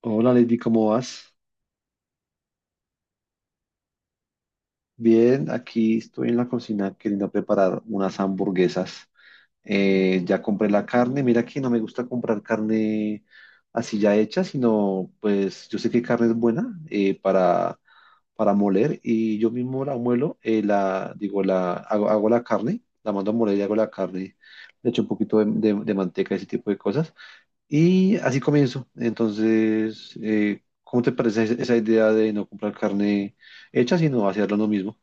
Hola Lady, ¿cómo vas? Bien, aquí estoy en la cocina queriendo preparar unas hamburguesas. Ya compré la carne, mira que no me gusta comprar carne así ya hecha, sino pues yo sé que carne es buena, para moler y yo mismo la muelo. La, digo, la, hago, Hago la carne, la mando a moler y hago la carne, le echo un poquito de manteca, ese tipo de cosas. Y así comienzo. Entonces, ¿cómo te parece esa idea de no comprar carne hecha, sino hacerlo uno mismo?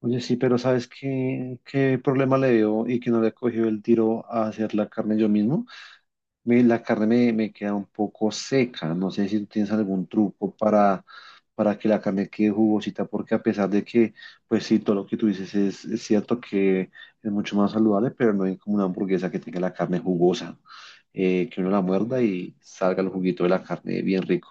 Oye, sí, pero ¿sabes qué problema le veo y que no le he cogido el tiro a hacer la carne yo mismo? La carne me queda un poco seca. No sé si tú tienes algún truco para que la carne quede jugosita, porque a pesar de que, pues sí, todo lo que tú dices es cierto que es mucho más saludable, pero no hay como una hamburguesa que tenga la carne jugosa, que uno la muerda y salga el juguito de la carne bien rico.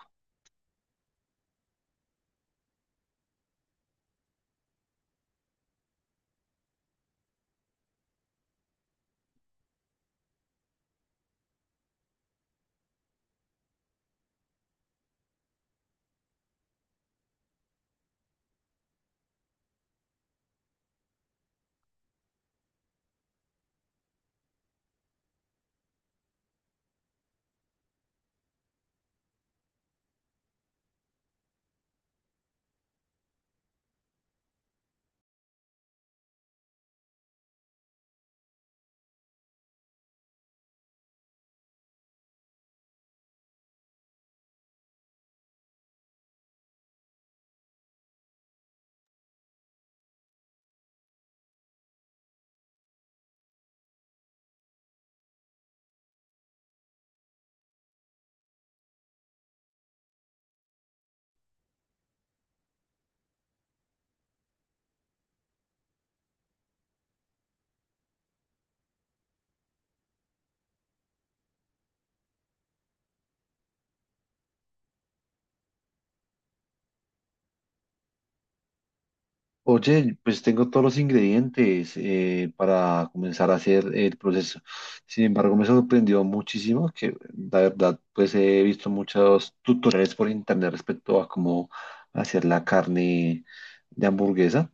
Oye, pues tengo todos los ingredientes, para comenzar a hacer el proceso. Sin embargo, me sorprendió muchísimo que la verdad, pues he visto muchos tutoriales por internet respecto a cómo hacer la carne de hamburguesa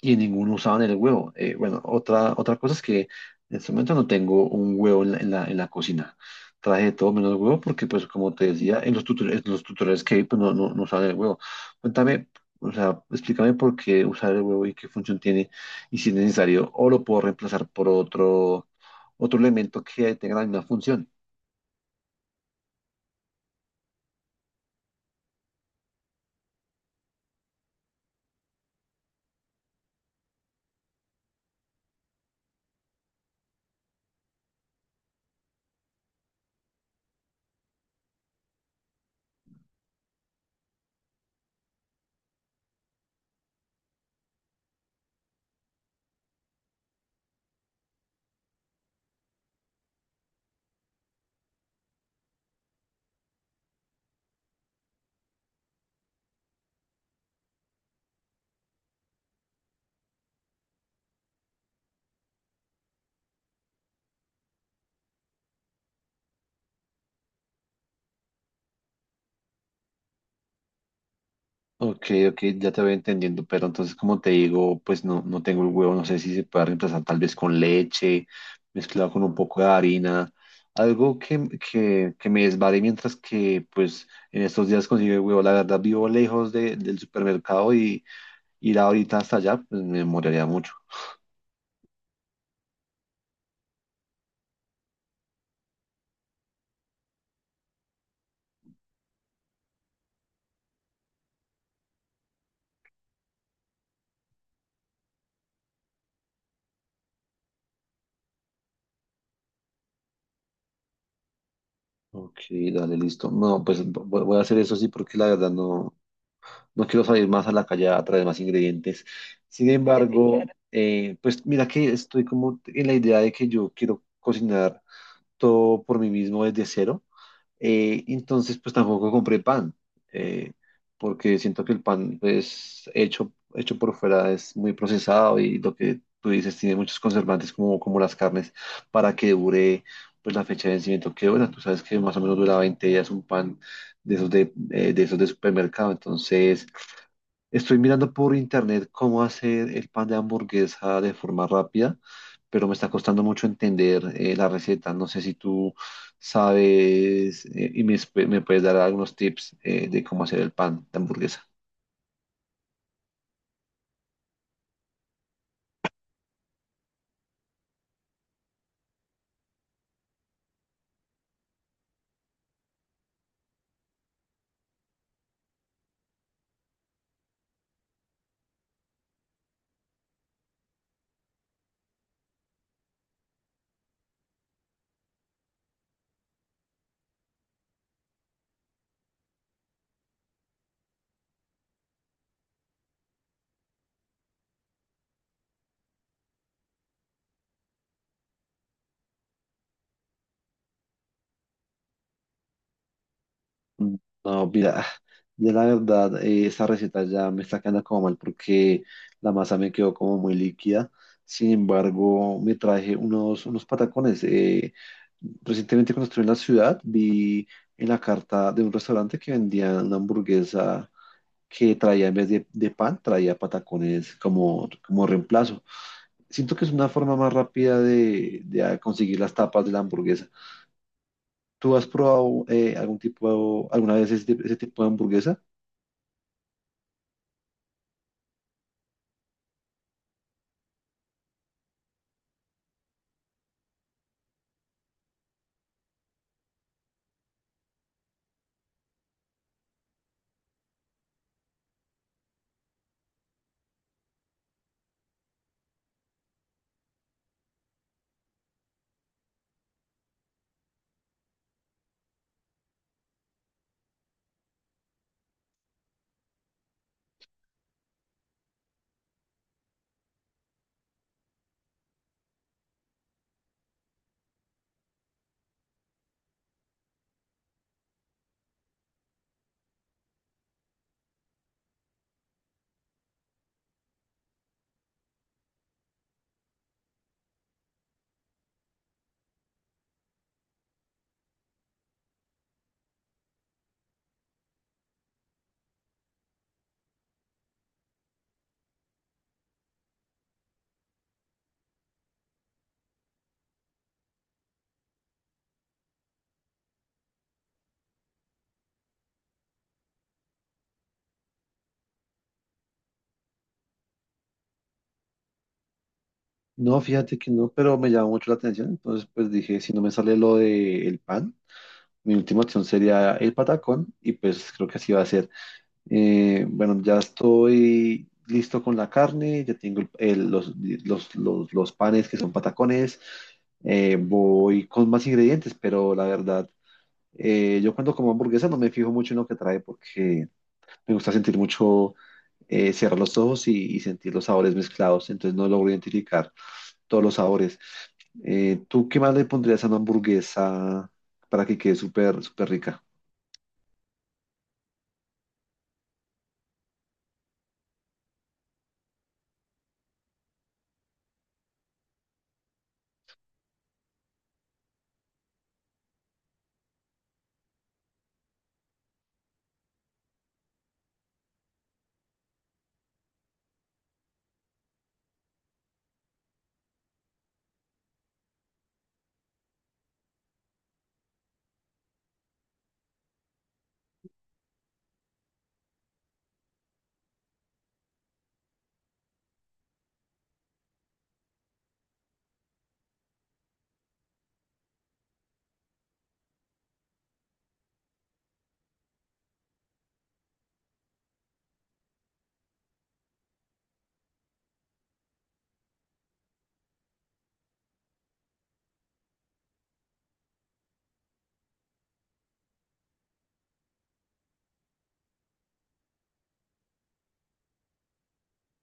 y ninguno usaban el huevo. Bueno, otra cosa es que en este momento no tengo un huevo en en la cocina. Traje de todo menos huevo porque, pues, como te decía, en los tutoriales que vi, pues, no usaban el huevo. Cuéntame, o sea, explícame por qué usar el huevo y qué función tiene y si es necesario o lo puedo reemplazar por otro, otro elemento que tenga la misma función. Ok, ok, ya te voy entendiendo, pero entonces como te digo, pues no tengo el huevo, no sé si se puede reemplazar tal vez con leche, mezclado con un poco de harina, algo que me desvare mientras que pues en estos días consigo el huevo. La verdad vivo lejos del supermercado, y ir ahorita hasta allá, pues me demoraría mucho. Ok, dale, listo. No, pues voy a hacer eso, sí, porque la verdad no, no quiero salir más a la calle a traer más ingredientes. Sin embargo, claro. Pues mira que estoy como en la idea de que yo quiero cocinar todo por mí mismo desde cero. Entonces, pues tampoco compré pan, eh, porque siento que el pan, pues, hecho por fuera es muy procesado, y lo que tú dices, tiene muchos conservantes como, como las carnes para que dure. Pues la fecha de vencimiento que dura, tú sabes que más o menos dura 20 días un pan de esos de supermercado. Entonces estoy mirando por internet cómo hacer el pan de hamburguesa de forma rápida, pero me está costando mucho entender, la receta. No sé si tú sabes, y me, me puedes dar algunos tips, de cómo hacer el pan de hamburguesa. Mm, No, mira, ya la verdad, esa receta ya me está quedando como mal porque la masa me quedó como muy líquida. Sin embargo, me traje unos, unos patacones. Recientemente cuando estuve en la ciudad, vi en la carta de un restaurante que vendían una hamburguesa que traía, en vez de pan, traía patacones como, como reemplazo. Siento que es una forma más rápida de conseguir las tapas de la hamburguesa. ¿Tú has probado, algún tipo, alguna vez ese, ese tipo de hamburguesa? No, fíjate que no, pero me llamó mucho la atención. Entonces, pues dije, si no me sale lo del pan, mi última opción sería el patacón, y pues creo que así va a ser. Bueno, ya estoy listo con la carne, ya tengo los panes que son patacones. Voy con más ingredientes, pero la verdad, yo cuando como hamburguesa no me fijo mucho en lo que trae porque me gusta sentir mucho, cerrar los ojos y sentir los sabores mezclados, entonces no logro identificar todos los sabores. ¿Tú qué más le pondrías a una hamburguesa para que quede súper, súper rica?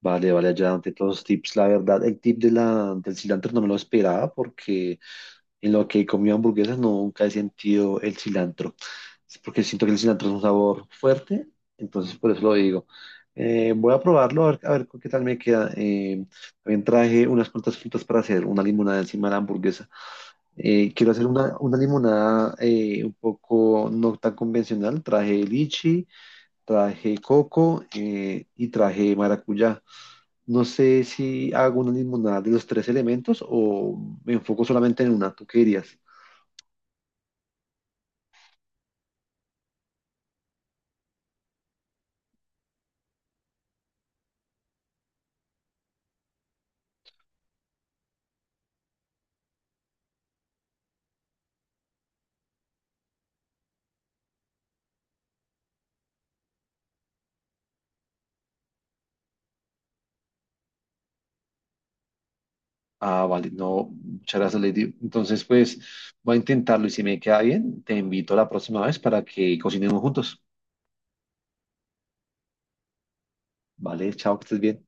Vale, vale, ya ante todos los tips. La verdad, el tip del cilantro no me lo esperaba porque en lo que he comido hamburguesas nunca he sentido el cilantro. Es porque siento que el cilantro es un sabor fuerte, entonces por eso lo digo. Voy a probarlo, a ver con qué tal me queda. También traje unas cuantas frutas para hacer una limonada encima de la hamburguesa. Quiero hacer una limonada, un poco no tan convencional. Traje lichi, traje coco, y traje maracuyá. No sé si hago una limonada de los tres elementos o me enfoco solamente en una. ¿Tú qué dirías? Ah, vale, no, muchas gracias, Lady. Entonces, pues voy a intentarlo, y si me queda bien, te invito a la próxima vez para que cocinemos juntos. Vale, chao, que estés bien.